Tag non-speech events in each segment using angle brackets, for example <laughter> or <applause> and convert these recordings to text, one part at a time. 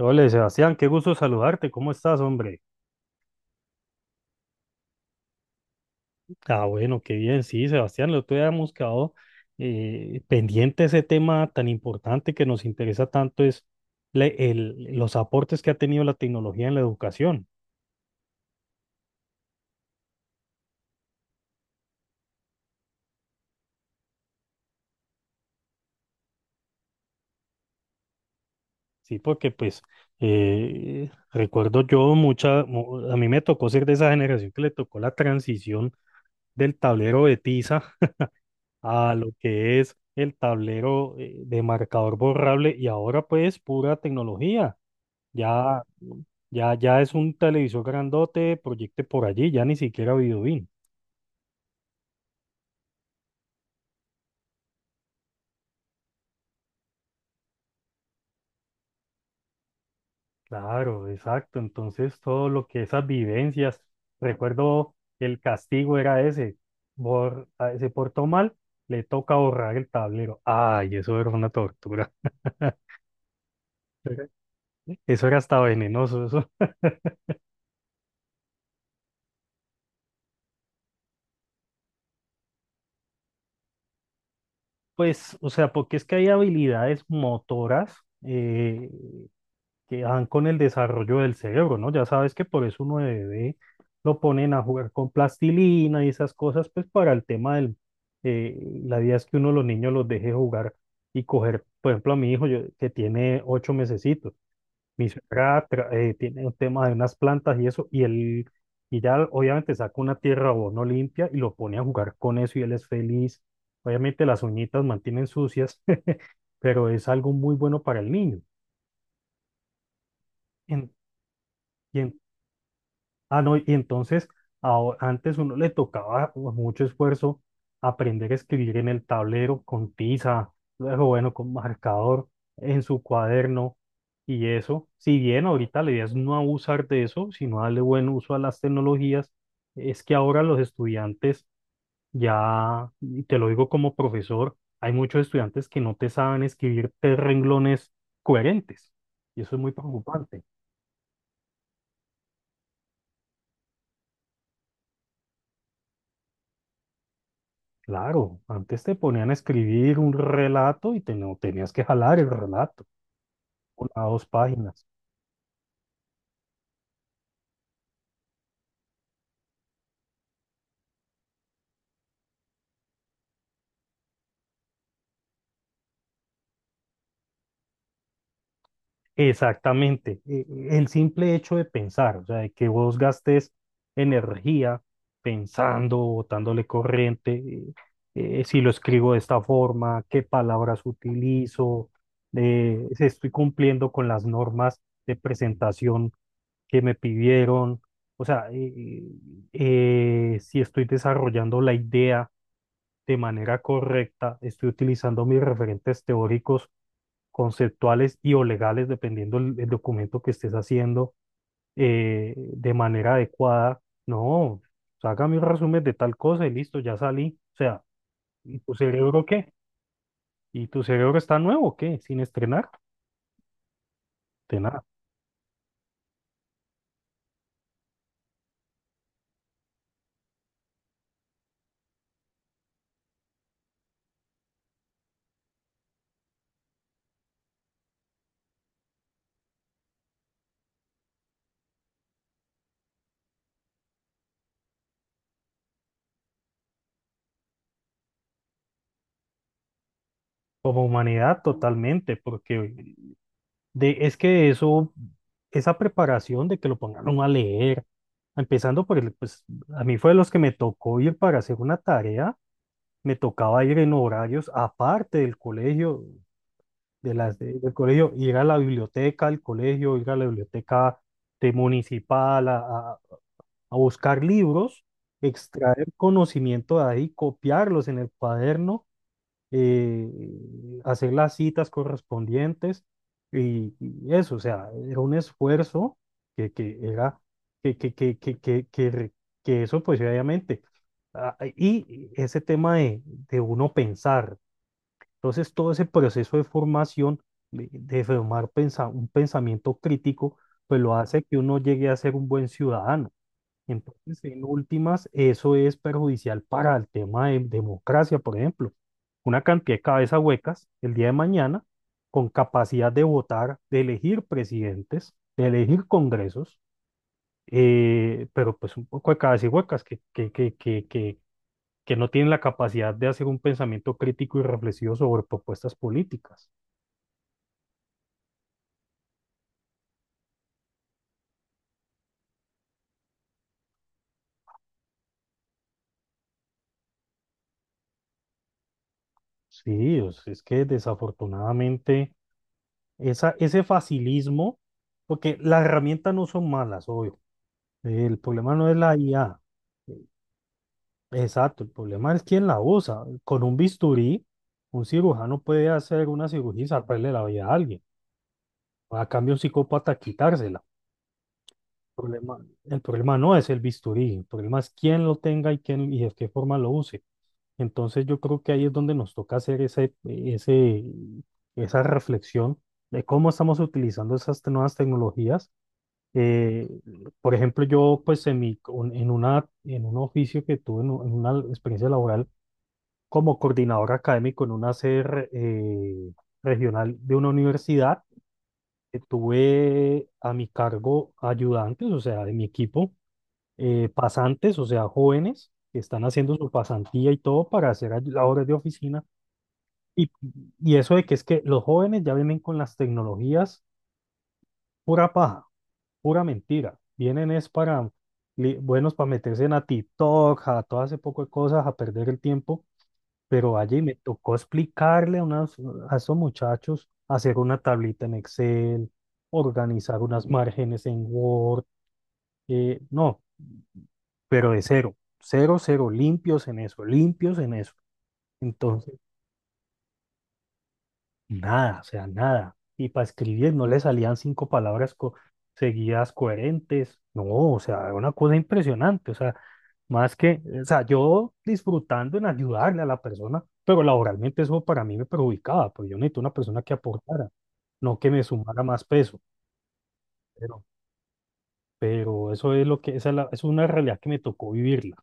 Hola, Sebastián, qué gusto saludarte. ¿Cómo estás, hombre? Ah, bueno, qué bien. Sí, Sebastián, lo otro día hemos quedado pendiente ese tema tan importante que nos interesa tanto es los aportes que ha tenido la tecnología en la educación. Sí, porque pues recuerdo yo a mí me tocó ser de esa generación que le tocó la transición del tablero de tiza a lo que es el tablero de marcador borrable y ahora pues pura tecnología. Ya. Ya es un televisor grandote, proyecte por allí, ya ni siquiera Videobeam. Claro, exacto. Entonces, todo lo que esas vivencias, recuerdo el castigo era ese, se portó mal, le toca borrar el tablero. Ay, eso era una tortura. <laughs> Eso era hasta venenoso, eso. <laughs> Pues, o sea, porque es que hay habilidades motoras. eh, que dan con el desarrollo del cerebro, ¿no? Ya sabes que por eso uno de bebé lo ponen a jugar con plastilina y esas cosas, pues para el tema del, eh, la idea es que uno de los niños los deje jugar y coger, por ejemplo, a mi hijo que tiene ocho mesecitos, mi suegra tiene un tema de unas plantas y eso, y él, y ya obviamente saca una tierra o no limpia y lo pone a jugar con eso y él es feliz. Obviamente las uñitas mantienen sucias, <laughs> pero es algo muy bueno para el niño. En- y en- Ah, no, y entonces antes uno le tocaba con mucho esfuerzo aprender a escribir en el tablero con tiza, luego bueno, con marcador, en su cuaderno y eso. Si bien ahorita la idea es no abusar de eso, sino darle buen uso a las tecnologías, es que ahora los estudiantes ya, y te lo digo como profesor, hay muchos estudiantes que no te saben escribir tres renglones coherentes y eso es muy preocupante. Claro, antes te ponían a escribir un relato y te, no, tenías que jalar el relato, una o dos páginas. Exactamente, el simple hecho de pensar, o sea, de que vos gastes energía pensando, botándole corriente, si lo escribo de esta forma, qué palabras utilizo, si estoy cumpliendo con las normas de presentación que me pidieron, o sea, si estoy desarrollando la idea de manera correcta, estoy utilizando mis referentes teóricos, conceptuales y o legales, dependiendo el documento que estés haciendo, de manera adecuada. No, haga mis resúmenes de tal cosa y listo, ya salí. O sea, ¿y tu cerebro qué? ¿Y tu cerebro está nuevo o qué? Sin estrenar, de nada. Como humanidad, totalmente, porque de, es que eso, esa preparación de que lo pongan a leer, empezando por el, pues a mí fue de los que me tocó ir para hacer una tarea, me tocaba ir en horarios aparte del colegio, de las del colegio, ir a la biblioteca del colegio, ir a la biblioteca de municipal a buscar libros, extraer conocimiento de ahí, copiarlos en el cuaderno, eh, hacer las citas correspondientes y eso, o sea, era un esfuerzo que era, que, que, que, que, que, que re- que eso pues obviamente, y ese tema de uno pensar, entonces todo ese proceso de formación, de formar un pensamiento crítico, pues lo hace que uno llegue a ser un buen ciudadano. Entonces, en últimas, eso es perjudicial para el tema de democracia, por ejemplo. Una cantidad de cabezas huecas el día de mañana, con capacidad de votar, de elegir presidentes, de elegir congresos, pero pues un poco de cabezas huecas que no tienen la capacidad de hacer un pensamiento crítico y reflexivo sobre propuestas políticas. Sí, o sea, es que desafortunadamente esa, ese facilismo, porque las herramientas no son malas, obvio. El problema no es la IA. Exacto, el problema es quién la usa. Con un bisturí, un cirujano puede hacer una cirugía y salvarle la vida a alguien. A cambio, un psicópata quitársela. Problema, el problema no es el bisturí, el problema es quién lo tenga y quién y de qué forma lo use. Entonces yo creo que ahí es donde nos toca hacer esa reflexión de cómo estamos utilizando esas nuevas tecnologías. Eh, por ejemplo, yo pues en un oficio que tuve, en una experiencia laboral como coordinador académico en una sede regional de una universidad, tuve a mi cargo ayudantes, o sea, de mi equipo, pasantes, o sea, jóvenes que están haciendo su pasantía y todo para hacer labores de oficina. Y, y eso de que es que los jóvenes ya vienen con las tecnologías pura paja, pura mentira. Vienen es para, buenos para meterse en a TikTok, a todo ese poco de cosas, a perder el tiempo. Pero allí me tocó explicarle a esos muchachos hacer una tablita en Excel, organizar unas márgenes en Word. No, pero de cero, cero, cero, limpios en eso, limpios en eso. Entonces, nada, o sea, nada. Y para escribir no le salían cinco palabras seguidas coherentes. No, o sea, una cosa impresionante. O sea, más que, o sea, yo disfrutando en ayudarle a la persona, pero laboralmente eso para mí me perjudicaba, porque yo necesito una persona que aportara, no que me sumara más peso. Pero, pero eso es lo que, esa es, es una realidad que me tocó vivirla.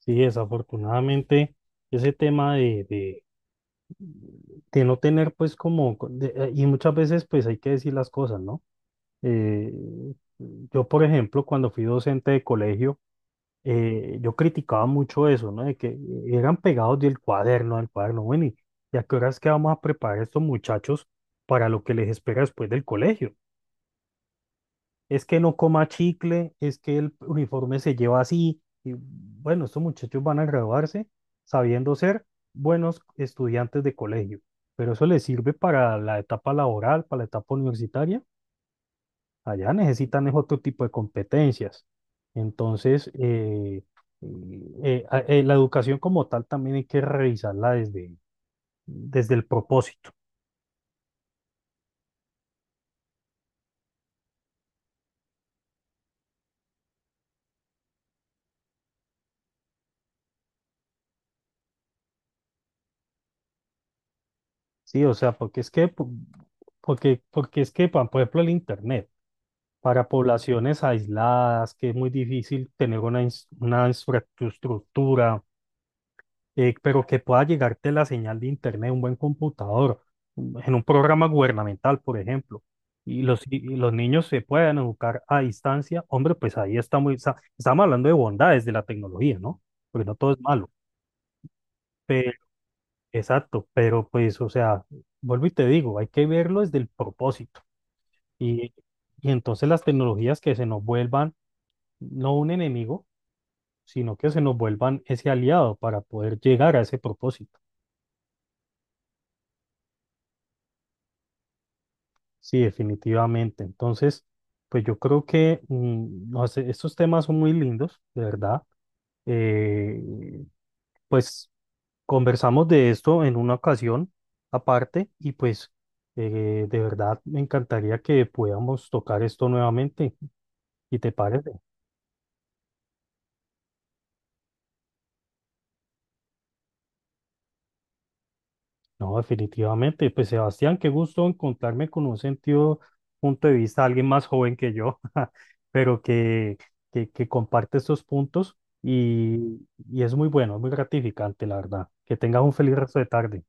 Sí, desafortunadamente, ese tema de no tener, pues, como, y muchas veces, pues, hay que decir las cosas, ¿no? Eh, yo, por ejemplo, cuando fui docente de colegio, yo criticaba mucho eso, ¿no? De que eran pegados del cuaderno, del cuaderno. Bueno, ¿y a qué horas que vamos a preparar a estos muchachos para lo que les espera después del colegio? Es que no coma chicle, es que el uniforme se lleva así. Y bueno, estos muchachos van a graduarse sabiendo ser buenos estudiantes de colegio, pero eso les sirve para la etapa laboral, para la etapa universitaria. Allá necesitan es otro tipo de competencias. Entonces, la educación como tal también hay que revisarla desde, desde el propósito, ¿sí? O sea, porque es que, porque es que, por ejemplo, el Internet, para poblaciones aisladas, que es muy difícil tener una, una infraestructura, pero que pueda llegarte la señal de internet, un buen computador, en un programa gubernamental, por ejemplo, y los niños se puedan educar a distancia, hombre, pues ahí está muy, estamos hablando de bondades de la tecnología, ¿no? Porque no todo es malo, pero, exacto, pero pues, o sea, vuelvo y te digo, hay que verlo desde el propósito, y, y entonces las tecnologías que se nos vuelvan no un enemigo, sino que se nos vuelvan ese aliado para poder llegar a ese propósito. Sí, definitivamente. Entonces, pues yo creo que no sé, estos temas son muy lindos, de verdad. Eh, pues conversamos de esto en una ocasión aparte y pues de verdad me encantaría que podamos tocar esto nuevamente. ¿Y te parece? No, definitivamente. Pues Sebastián, qué gusto encontrarme con un sentido, punto de vista, alguien más joven que yo, <laughs> pero que comparte estos puntos y, y es muy bueno, es muy gratificante, la verdad. Que tengas un feliz resto de tarde.